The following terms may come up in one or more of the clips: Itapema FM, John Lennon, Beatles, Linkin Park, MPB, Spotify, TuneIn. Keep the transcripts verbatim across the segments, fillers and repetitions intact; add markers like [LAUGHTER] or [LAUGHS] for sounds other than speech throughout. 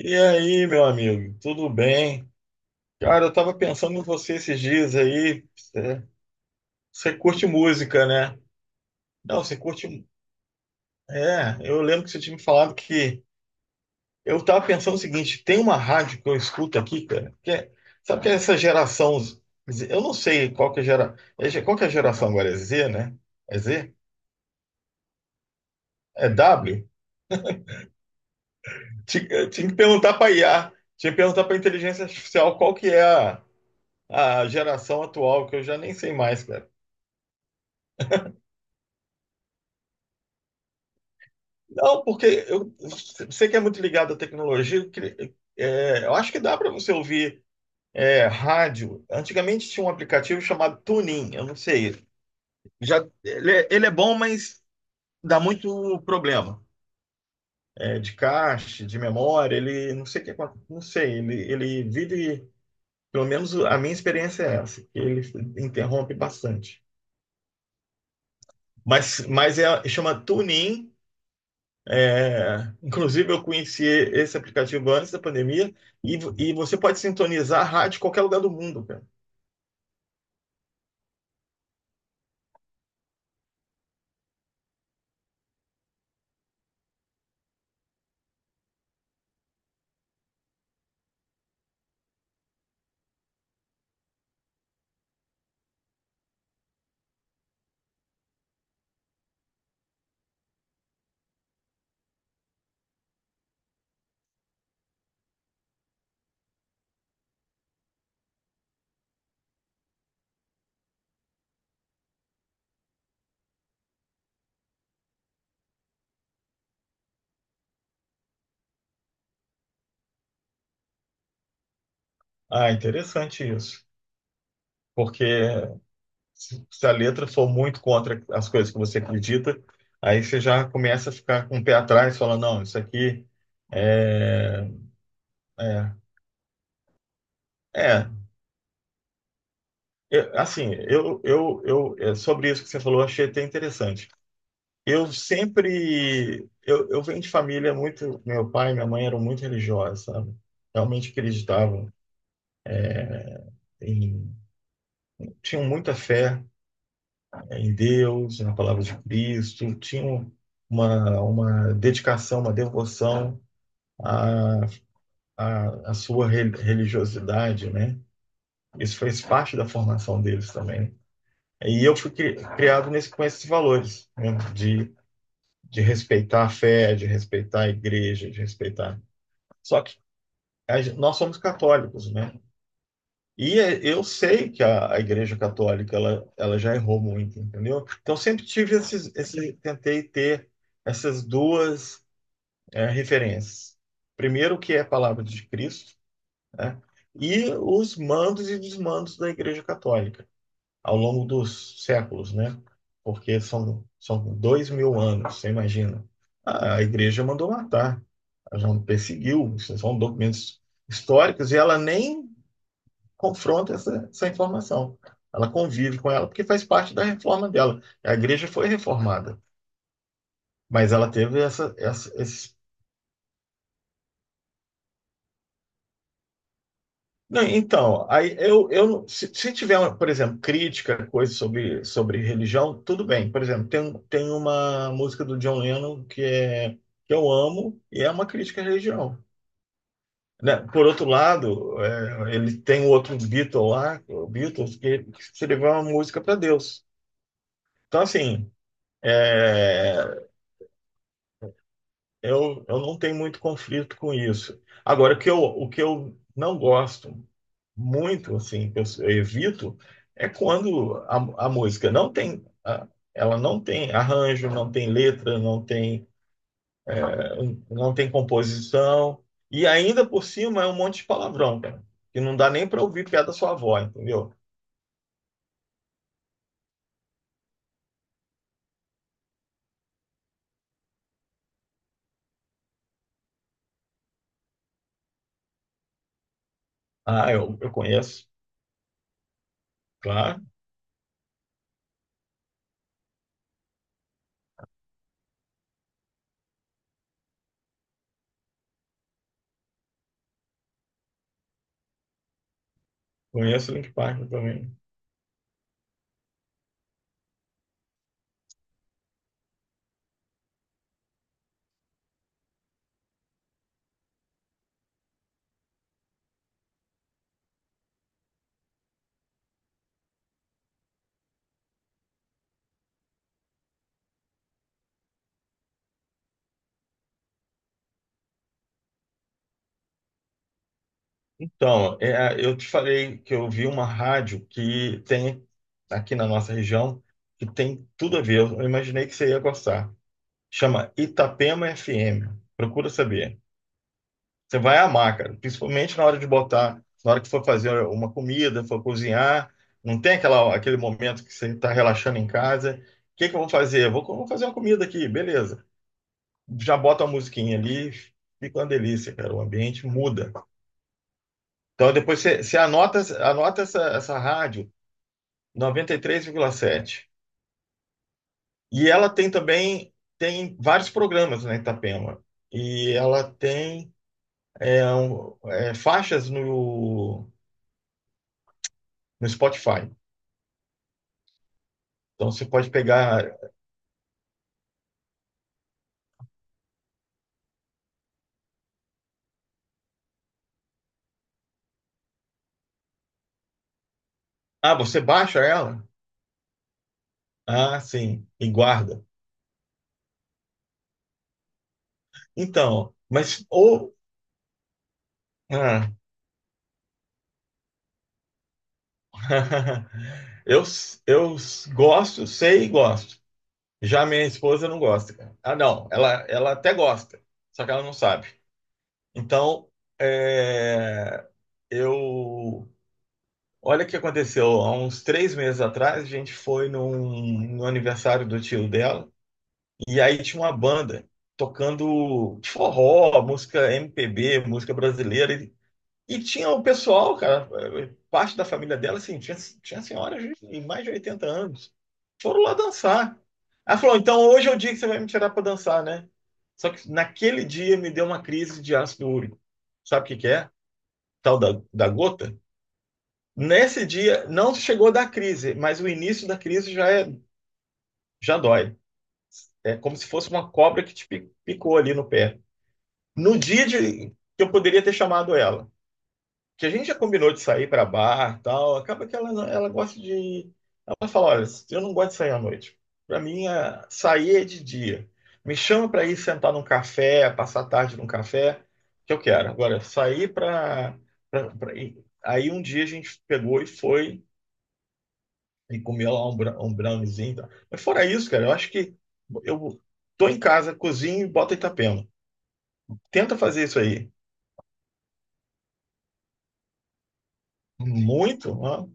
E aí, meu amigo, tudo bem? Cara, eu tava pensando em você esses dias aí. Você, você curte música, né? Não, você curte. É, eu lembro que você tinha me falado que. Eu tava pensando o seguinte: tem uma rádio que eu escuto aqui, cara, que é- sabe que é essa geração. Z- Eu não sei qual que é a gera, é ge- qual que é a geração agora? É Z, né? É Z? É W? Tinha, eu tinha que perguntar para I A, tinha que perguntar para inteligência artificial qual que é a, a geração atual, que eu já nem sei mais. Não, porque eu sei que é muito ligado à tecnologia. Eu, queria- é, eu acho que dá para você ouvir é, rádio. Antigamente tinha um aplicativo chamado TuneIn. Eu não sei. Já ele, é ele é bom, mas dá muito problema é, de cache, de memória. Ele não sei o que acon- não sei. Ele ele vive, pelo menos a minha experiência é essa. Que Ele interrompe bastante. Mas mas é chama TuneIn. É, inclusive, eu conheci esse aplicativo antes da pandemia e, vo- e você pode sintonizar a rádio em qualquer lugar do mundo, cara. Ah, interessante isso. Porque se se a letra for muito contra as coisas que você acredita, aí você já começa a ficar com o pé atrás, falando, não, isso aqui é, é, é. Eu- assim, eu, eu, eu, é, sobre isso que você falou, eu achei até interessante. Eu sempre. Eu, eu venho de família muito. Meu pai e minha mãe eram muito religiosos, sabe? Realmente acreditavam em. Tinham muita fé, né, em Deus, na palavra de Cristo, tinham uma, uma dedicação, uma devoção à, à, à sua re- religiosidade, né? Isso fez parte da formação deles também. E eu fui cri- criado nesse, com esses valores, né? De, de respeitar a fé, de respeitar a igreja, de respeitar. Só que a nós somos católicos, né? E é- eu sei que a, a Igreja Católica ela, ela já errou muito, entendeu? Então sempre tive esses, esse, tentei ter essas duas é, referências. Primeiro o que é a palavra de Cristo, né? E os mandos e desmandos da Igreja Católica ao longo dos séculos, né? Porque são são dois mil anos, você imagina? A, a Igreja mandou matar, ela já perseguiu, são documentos históricos e ela nem confronta essa, essa informação. Ela convive com ela porque faz parte da reforma dela. A igreja foi reformada, mas ela teve essa, essa esses não, então, aí eu, eu se, se tiver, por exemplo, crítica, coisa sobre, sobre religião, tudo bem. Por exemplo, tem, tem uma música do John Lennon que, é, que eu amo e é uma crítica à religião. Né? Por outro lado, é, ele tem o outro Beatle lá, o Beatles, que, que escreveu uma música para Deus. Então, assim, é, eu, eu não tenho muito conflito com isso. Agora, o que eu, o que eu não gosto muito, assim, que eu, eu evito, é quando a, a música não tem, ah, ela não tem arranjo, não tem letra, não tem, eh, não tem composição, e ainda por cima é um monte de palavrão, cara, que não dá nem para ouvir piada da sua avó, entendeu? Ah, eu, eu conheço, claro, conheço o Link Park também. Então, é, eu te falei que eu vi uma rádio que tem aqui na nossa região que tem tudo a ver. Eu imaginei que você ia gostar. Chama Itapema F M. Procura saber. Você vai amar, cara. Principalmente na hora de botar, na hora que for fazer uma comida, for cozinhar. Não tem aquela, aquele momento que você está relaxando em casa. O que que eu vou fazer? Vou, co- vou fazer uma comida aqui, beleza. Já bota uma musiquinha ali, fica uma delícia, cara. O ambiente muda. Então depois você, você anota, anota essa, essa rádio noventa e três vírgula sete. E três vírgula sete. E ela tem também tem vários programas na Itapema. E ela tem é, um, é, faixas no, no Spotify. Então você pode pegar. Ah, você baixa ela? Ah, sim, e guarda. Então, mas ou ah, [LAUGHS] eu, eu gosto, sei e gosto. Já minha esposa não gosta, cara. Ah, não, ela, ela até gosta, só que ela não sabe. Então, é, eu. Olha o que aconteceu. Há uns três meses atrás, a gente foi num- no aniversário do tio dela, e aí tinha uma banda tocando tipo, forró, música M P B, música brasileira. E, e tinha o pessoal, cara, parte da família dela, assim, tinha, tinha senhoras de mais de oitenta anos. Foram lá dançar. Ela falou: então hoje é o dia que você vai me tirar para dançar, né? Só que naquele dia me deu uma crise de ácido úrico. Sabe o que que é? Tal da, da gota, nesse dia não chegou da crise, mas o início da crise já, é, já dói. É como se fosse uma cobra que te picou ali no pé. No dia de, que eu poderia ter chamado ela, que a gente já combinou de sair para bar e tal, acaba que ela, ela gosta de. Ela fala: olha, eu não gosto de sair à noite. Para mim, a- sair é de dia. Me chama para ir sentar num café, passar a tarde num café, que eu quero. Agora, sair para. Aí um dia a gente pegou e foi e comia lá um, bra- um browniezinho e tal. Mas fora isso, cara, eu acho que eu tô em casa, cozinho e boto Itapema. Tenta fazer isso aí. Muito, ó,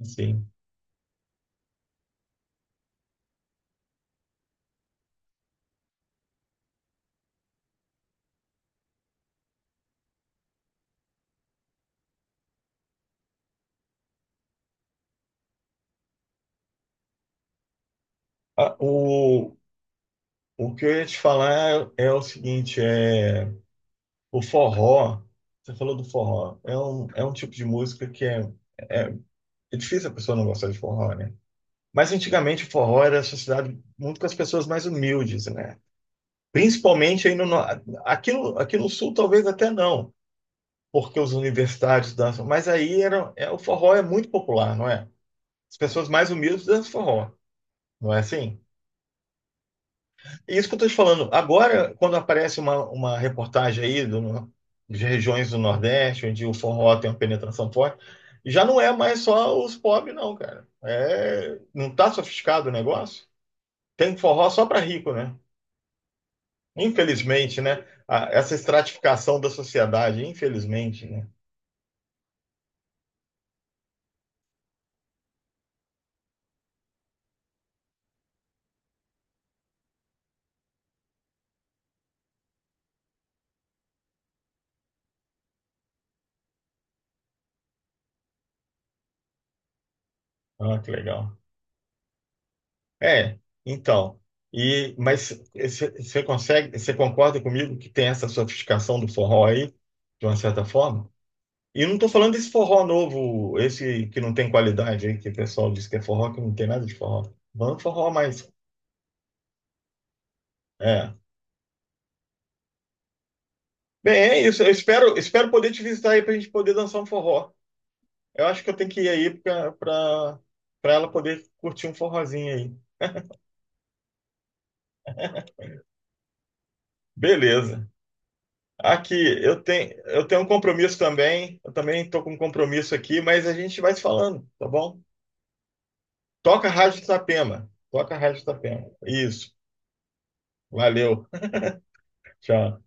assim. Ah, o, o que eu ia te falar é, é o seguinte, é o forró. Você falou do forró. É um, é um tipo de música que é, é, é difícil a pessoa não gostar de forró, né? Mas antigamente o forró era associado muito com as pessoas mais humildes, né? Principalmente aí no, no- aqui no, aqui no sul, talvez até não, porque os universitários dançam. Mas aí era, é, o forró é muito popular, não é? As pessoas mais humildes dançam forró, não é assim? E isso que eu estou te falando. Agora, quando aparece uma, uma reportagem aí do, de regiões do Nordeste, onde o forró tem uma penetração forte, já não é mais só os pobres, não, cara. É, não está sofisticado o negócio? Tem forró só para rico, né? Infelizmente, né? A- Essa estratificação da sociedade, infelizmente, né? Ah, que legal. É, então. E, mas você consegue, você concorda comigo que tem essa sofisticação do forró aí, de uma certa forma? E eu não estou falando desse forró novo, esse que não tem qualidade aí, que o pessoal diz que é forró, que não tem nada de forró. Vamos forró, mais. É. Bem, é isso. Eu espero, espero poder te visitar aí para a gente poder dançar um forró. Eu acho que eu tenho que ir aí para para ela poder curtir um forrozinho aí. Beleza. Aqui, eu tenho, eu tenho um compromisso também. Eu também estou com um compromisso aqui, mas a gente vai se falando, tá bom? Toca a Rádio Itapema. Toca a Rádio Itapema. Isso. Valeu. [LAUGHS] Tchau.